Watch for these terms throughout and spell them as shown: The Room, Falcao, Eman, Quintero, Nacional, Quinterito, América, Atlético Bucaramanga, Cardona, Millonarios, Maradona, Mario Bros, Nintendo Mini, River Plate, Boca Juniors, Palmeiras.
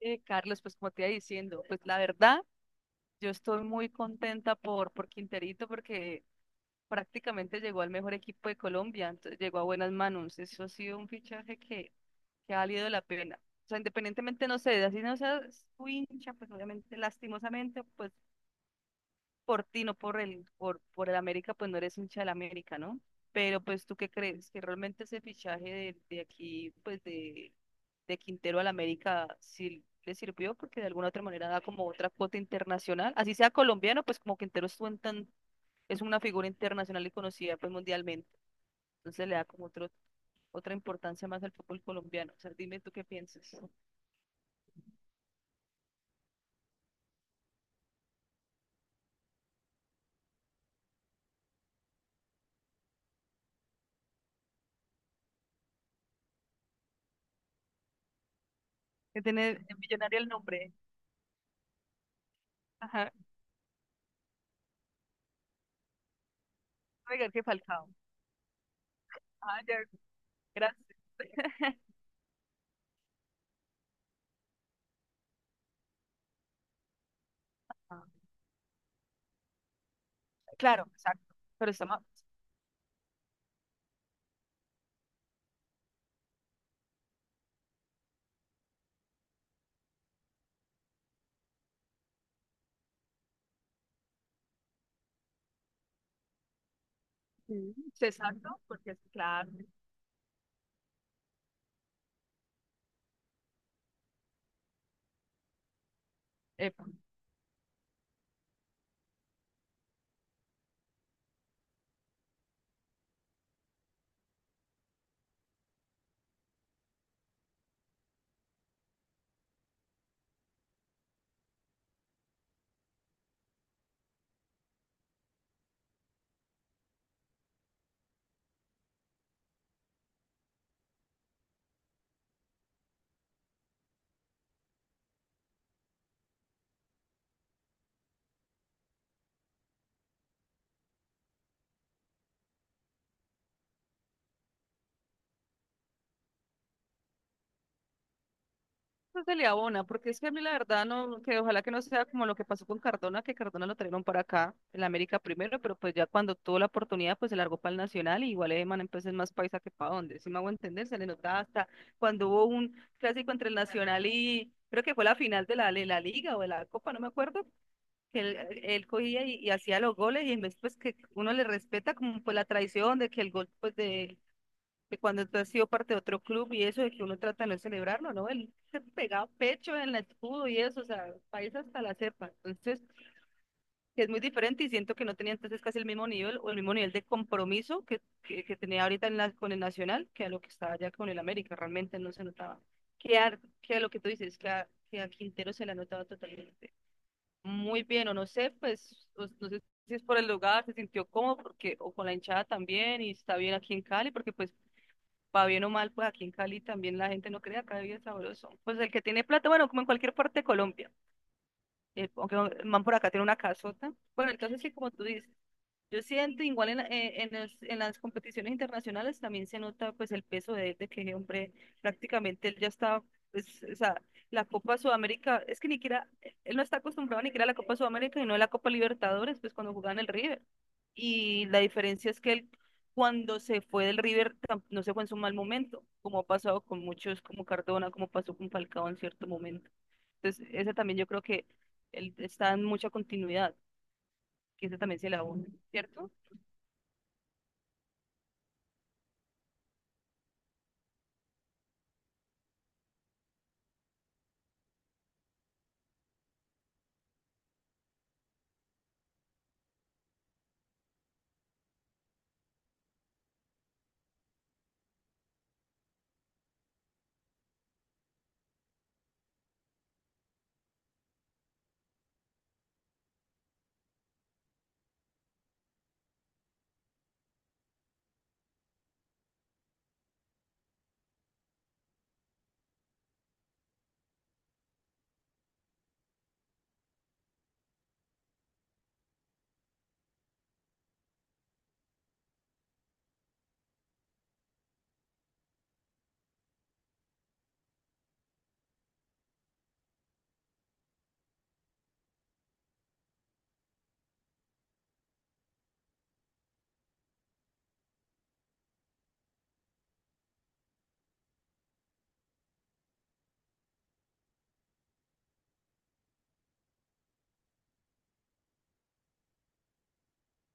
Carlos, pues como te iba diciendo, pues la verdad, yo estoy muy contenta por Quinterito porque prácticamente llegó al mejor equipo de Colombia, entonces llegó a buenas manos. Eso ha sido un fichaje que ha valido la pena. O sea, independientemente, no sé, así no seas su hincha, pues obviamente, lastimosamente, pues por ti, no por el América, pues no eres hincha del América, ¿no? Pero pues tú qué crees, que realmente ese fichaje de aquí, pues de Quintero al América, sí le sirvió porque de alguna otra manera da como otra cuota internacional, así sea colombiano, pues como Quintero estuvo en tan, es una figura internacional y conocida pues mundialmente, entonces le da como otra importancia más al fútbol colombiano. O sea, dime tú qué piensas. Que tiene de millonario el nombre. Ajá, oiga, que Falcao. Ah, ya, gracias. Claro, exacto. Pero estamos. Mm. Exacto, porque es claro, epa, eso se le abona, porque es que a mí la verdad no, que ojalá que no sea como lo que pasó con Cardona, que Cardona lo trajeron para acá, en la América primero, pero pues ya cuando tuvo la oportunidad, pues se largó para el Nacional, y igual Eman entonces es más paisa que para dónde, si me hago entender, se le notaba hasta cuando hubo un clásico entre el Nacional y creo que fue la final de la Liga o de la Copa, no me acuerdo, que él cogía y hacía los goles, y en vez pues que uno le respeta como pues la tradición de que el gol pues de que cuando tú has sido parte de otro club y eso, de que uno trata de no celebrarlo, ¿no? Él se pegaba pecho en el escudo y eso, o sea, país hasta la cepa. Entonces, que es muy diferente y siento que no tenía entonces casi el mismo nivel o el mismo nivel de compromiso que tenía ahorita con el Nacional que a lo que estaba ya con el América, realmente no se notaba. Que a lo que tú dices, que a Quintero se le notaba totalmente. Muy bien, o no sé, pues, no sé si es por el lugar, se sintió cómodo porque, o con la hinchada también y está bien aquí en Cali, porque pues para bien o mal, pues aquí en Cali también la gente no crea, acá es sabroso. Pues el que tiene plata, bueno, como en cualquier parte de Colombia, aunque el man por acá tiene una casota. Bueno, entonces sí, como tú dices, yo siento igual en, la- en, los- en las competiciones internacionales también se nota pues el peso de él, de que hombre prácticamente él ya está, pues, o sea, la Copa Sudamérica, es que ni siquiera, él no está acostumbrado ni siquiera a la Copa Sudamérica y no a la Copa Libertadores, pues cuando jugaba en el River. Y la diferencia es que él cuando se fue del River no se fue en su mal momento, como ha pasado con muchos, como Cardona, como pasó con Falcao en cierto momento. Entonces, ese también yo creo que él está en mucha continuidad, que ese también se la une, ¿cierto?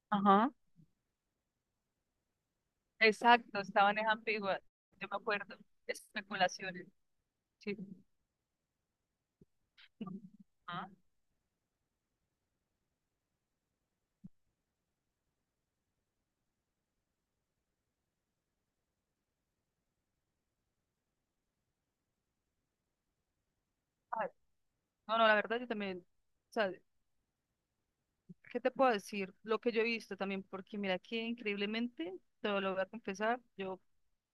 Ajá. Exacto, estaban en ambiguas. Yo me acuerdo. Especulaciones. Sí. Ajá. Ay, no, no, la verdad yo también. O sea, ¿qué te puedo decir? Lo que yo he visto también, porque mira, aquí increíblemente, te lo voy a confesar, yo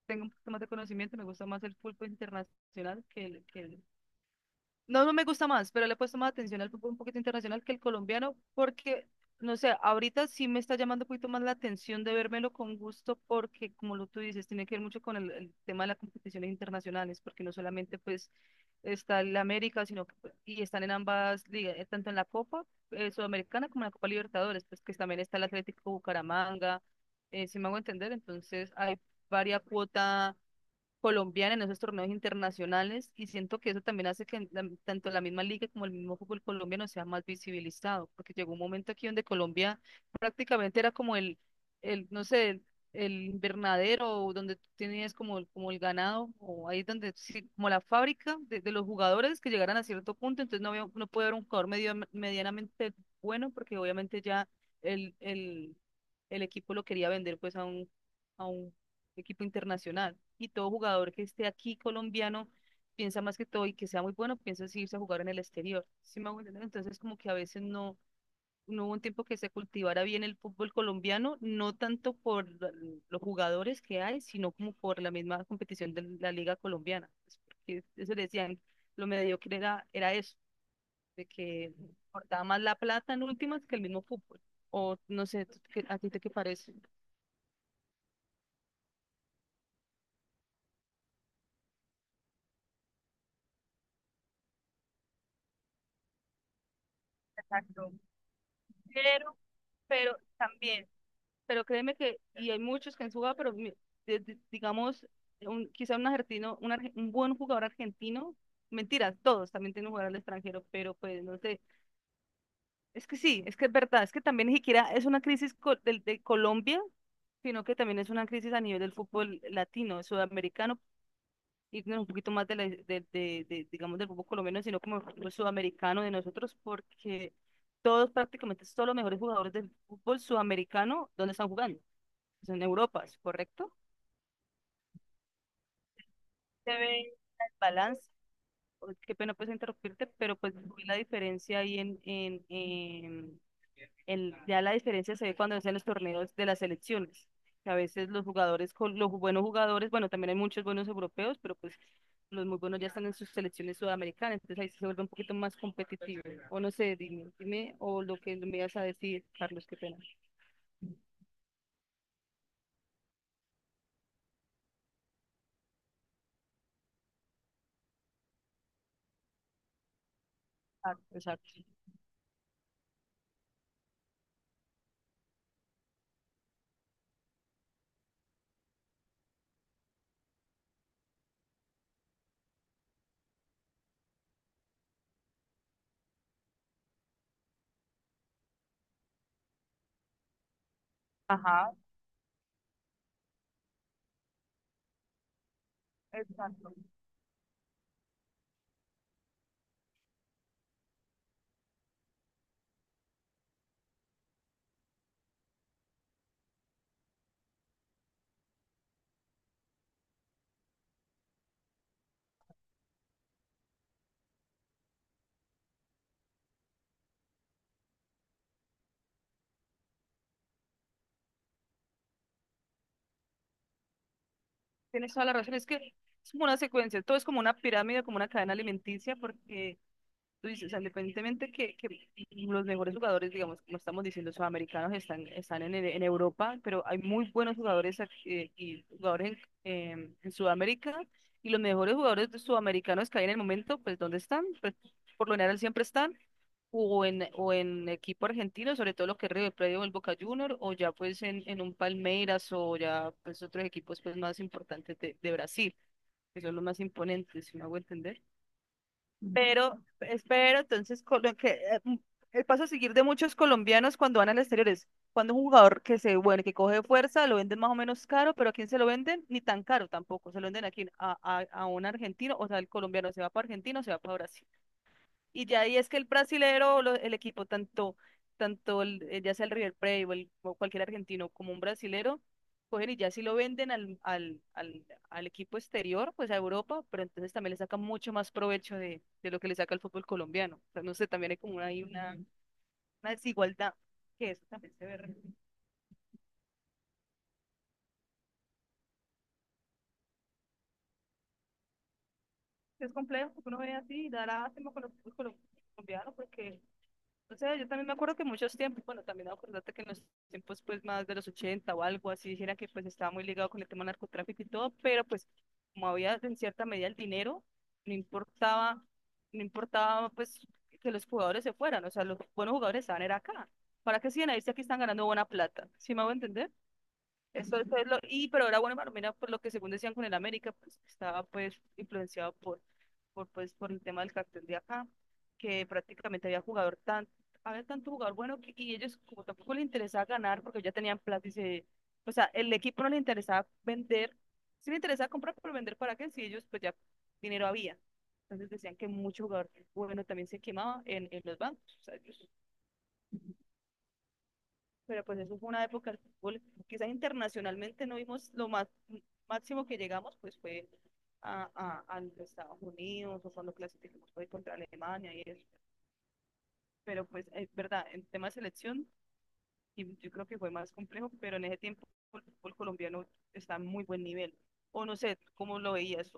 tengo un poquito más de conocimiento, me gusta más el fútbol internacional que el No, no me gusta más, pero le he puesto más atención al fútbol un poquito internacional que el colombiano, porque, no sé, ahorita sí me está llamando un poquito más la atención de vérmelo con gusto, porque como lo tú dices, tiene que ver mucho con el tema de las competiciones internacionales, porque no solamente pues está el América, sino que pues, y están en ambas ligas, tanto en la Copa Sudamericana como en la Copa Libertadores, pues que también está el Atlético Bucaramanga, si me hago entender, entonces hay varia cuota colombiana en esos torneos internacionales y siento que eso también hace que tanto la misma liga como el mismo fútbol colombiano sea más visibilizado, porque llegó un momento aquí donde Colombia prácticamente era como el no sé, el invernadero o donde tú tenías como, como el ganado o ahí donde sí, como la fábrica de los jugadores que llegaran a cierto punto, entonces no había, no puede haber un jugador medianamente bueno porque obviamente ya el, el, el equipo lo quería vender pues a un equipo internacional. Y todo jugador que esté aquí colombiano piensa más que todo y que sea muy bueno, piensa si irse a jugar en el exterior. ¿Sí me hago entender? Entonces, como que a veces no, no hubo un tiempo que se cultivara bien el fútbol colombiano, no tanto por los jugadores que hay, sino como por la misma competición de la liga colombiana. Pues, porque eso le decían, lo mediocre era eso, de que importaba más la plata en últimas que el mismo fútbol. O no sé, ¿a ti te qué parece? Exacto. Pero, pero también, pero créeme que, y hay muchos que han jugado, pero digamos, quizá un argentino, un buen jugador argentino, mentiras, todos también tienen que jugar al extranjero, pero pues no sé, es que sí, es que es verdad, es que también ni siquiera es una crisis Colombia, sino que también es una crisis a nivel del fútbol latino, sudamericano, y no, un poquito más de, la- de, digamos, del fútbol colombiano, sino como el fútbol sudamericano de nosotros, porque todos prácticamente, todos los mejores jugadores del fútbol sudamericano, ¿dónde están jugando? Pues, en Europa, ¿es correcto? Se ve el balance. Uy, qué pena pues interrumpirte, pero pues vi la diferencia ahí ya la diferencia se ve cuando hacen los torneos de las selecciones. Que a veces los jugadores, con los buenos jugadores, bueno, también hay muchos buenos europeos, pero pues los muy buenos ya están en sus selecciones sudamericanas, entonces ahí sí se vuelve un poquito más competitivo. O no sé, dime, dime, o lo que me ibas a decir, Carlos, qué pena. Ah, exacto. Ajá, exacto. Tienes toda la razón, es que es como una secuencia, todo es como una pirámide, como una cadena alimenticia, porque tú dices, o sea, independientemente que los mejores jugadores, digamos, como estamos diciendo, sudamericanos están en Europa, pero hay muy buenos jugadores y jugadores en Sudamérica, y los mejores jugadores sudamericanos que hay en el momento, pues, ¿dónde están? Pues, por lo general siempre están o en equipo argentino, sobre todo lo que es River Plate o el Boca Juniors, o ya pues en un Palmeiras o ya pues otros equipos pues más importantes de Brasil, que son los más imponentes, si me hago entender. Ujú. Pero espero entonces con lo que el paso a seguir de muchos colombianos cuando van al exterior es cuando un jugador que se bueno, que coge fuerza, lo venden más o menos caro, pero ¿a quién se lo venden? Ni tan caro tampoco, se lo venden aquí a un argentino, o sea, el colombiano se va para Argentina o se va para Brasil. Y ya ahí es que el brasilero, el equipo, tanto, ya sea el River Plate o cualquier argentino como un brasilero, cogen y ya si lo venden al equipo exterior, pues a Europa, pero entonces también le sacan mucho más provecho de lo que le saca el fútbol colombiano. O sea, no sé, también hay como una desigualdad, que eso también se ve. Es complejo, porque uno ve así, y da lástima con los fútbol colombiano, porque o sea, yo también me acuerdo que muchos tiempos, bueno, también acordate que en los tiempos pues más de los 80 o algo así, dijera que pues estaba muy ligado con el tema del narcotráfico y todo, pero pues como había en cierta medida el dinero, no importaba, no importaba pues que los jugadores se fueran, o sea, los buenos jugadores estaban era acá. ¿Para qué siguen ahí si aquí están ganando buena plata? ¿Sí me hago entender? Eso fue lo, y pero era bueno para por lo que según decían con el América, pues estaba pues influenciado por pues por el tema del cartel de acá, que prácticamente había jugador tan, había tanto jugador bueno que, y ellos como tampoco les interesaba ganar porque ya tenían plata y se, o sea, el equipo no le interesaba vender, sí le interesaba comprar, pero vender para qué, si ellos pues ya dinero había. Entonces decían que mucho jugador bueno también se quemaba en los bancos. O sea, ellos pero pues eso fue una época del fútbol. Quizás internacionalmente no vimos lo más máximo que llegamos, pues fue a los Estados Unidos o cuando clasificamos fue contra Alemania y eso. Pero pues es verdad, en tema de selección y yo creo que fue más complejo, pero en ese tiempo el fútbol colombiano está en muy buen nivel. O no sé, ¿cómo lo veías?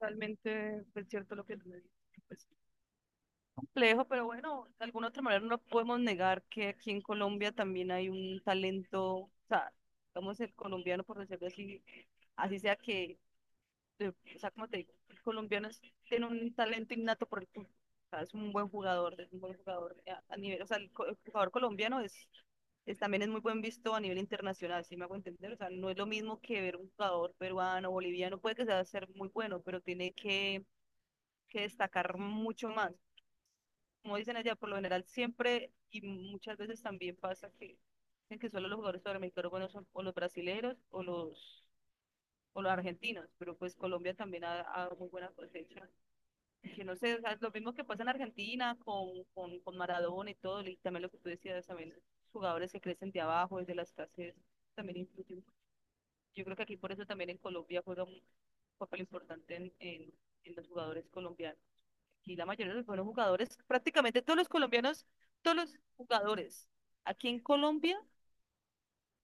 Realmente es cierto lo que tú me dices, pues complejo, pero bueno, de alguna otra manera no podemos negar que aquí en Colombia también hay un talento, o sea, digamos el colombiano, por decirlo así, así sea que, eh, o sea, como te digo, el colombiano es- tiene un talento innato por el fútbol, o sea, es un buen jugador, es un buen jugador a nivel, o sea, el, co- el jugador colombiano es también es muy buen visto a nivel internacional, si me hago entender, o sea, no es lo mismo que ver un jugador peruano, boliviano, puede que sea ser muy bueno, pero tiene que destacar mucho más como dicen allá, por lo general siempre y muchas veces también pasa que dicen que solo los jugadores sudamericanos buenos son o los brasileros o los argentinos, pero pues Colombia también ha, ha dado muy buena cosecha. Que no sé, o sea, es lo mismo que pasa en Argentina con Maradona y todo, y también lo que tú decías, también los jugadores que crecen de abajo, desde las clases, también influyen. Yo creo que aquí por eso también en Colombia juega un papel importante en los jugadores colombianos. Y la mayoría de los jugadores, prácticamente todos los colombianos, todos los jugadores aquí en Colombia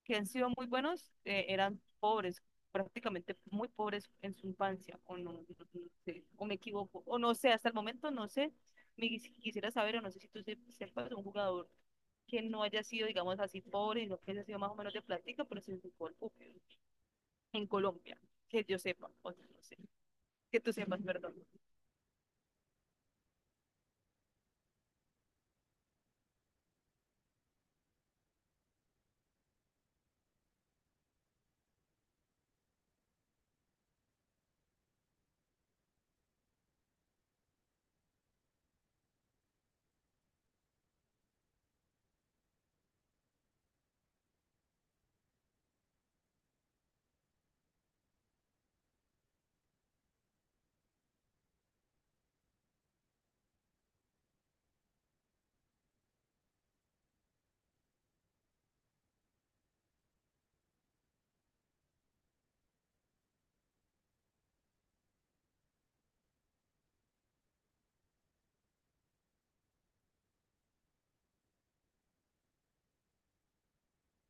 que han sido muy buenos, eran pobres, prácticamente muy pobres en su infancia, o no, no sé, o me equivoco, o no sé, hasta el momento no sé, me quisiera saber, o no sé si tú sepas de un jugador que no haya sido, digamos así, pobre, sino que haya sido más o menos de plática, pero sin fútbol ok, en Colombia, que yo sepa, o no sé, que tú sepas, perdón.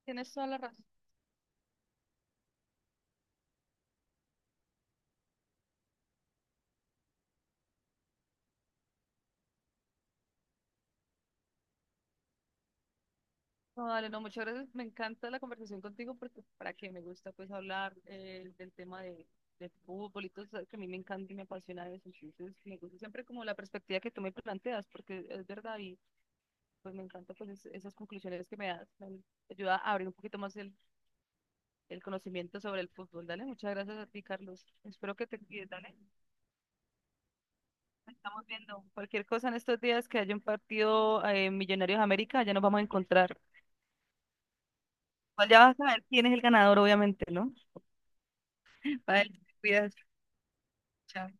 Tienes toda la razón. No, dale, no, muchas gracias. Me encanta la conversación contigo porque para que me gusta pues hablar del tema de fútbol y todo, sabes que a mí me encanta y me apasiona eso. Entonces, me gusta siempre como la perspectiva que tú me planteas porque es verdad y pues me encanta pues esas conclusiones que me das. Me ayuda a abrir un poquito más el conocimiento sobre el fútbol. Dale, muchas gracias a ti, Carlos. Espero que te cuides, dale. Nos estamos viendo cualquier cosa en estos días que haya un partido Millonarios América, ya nos vamos a encontrar. Igual ya vas a ver quién es el ganador, obviamente, ¿no? Vale, te cuidas. Chao.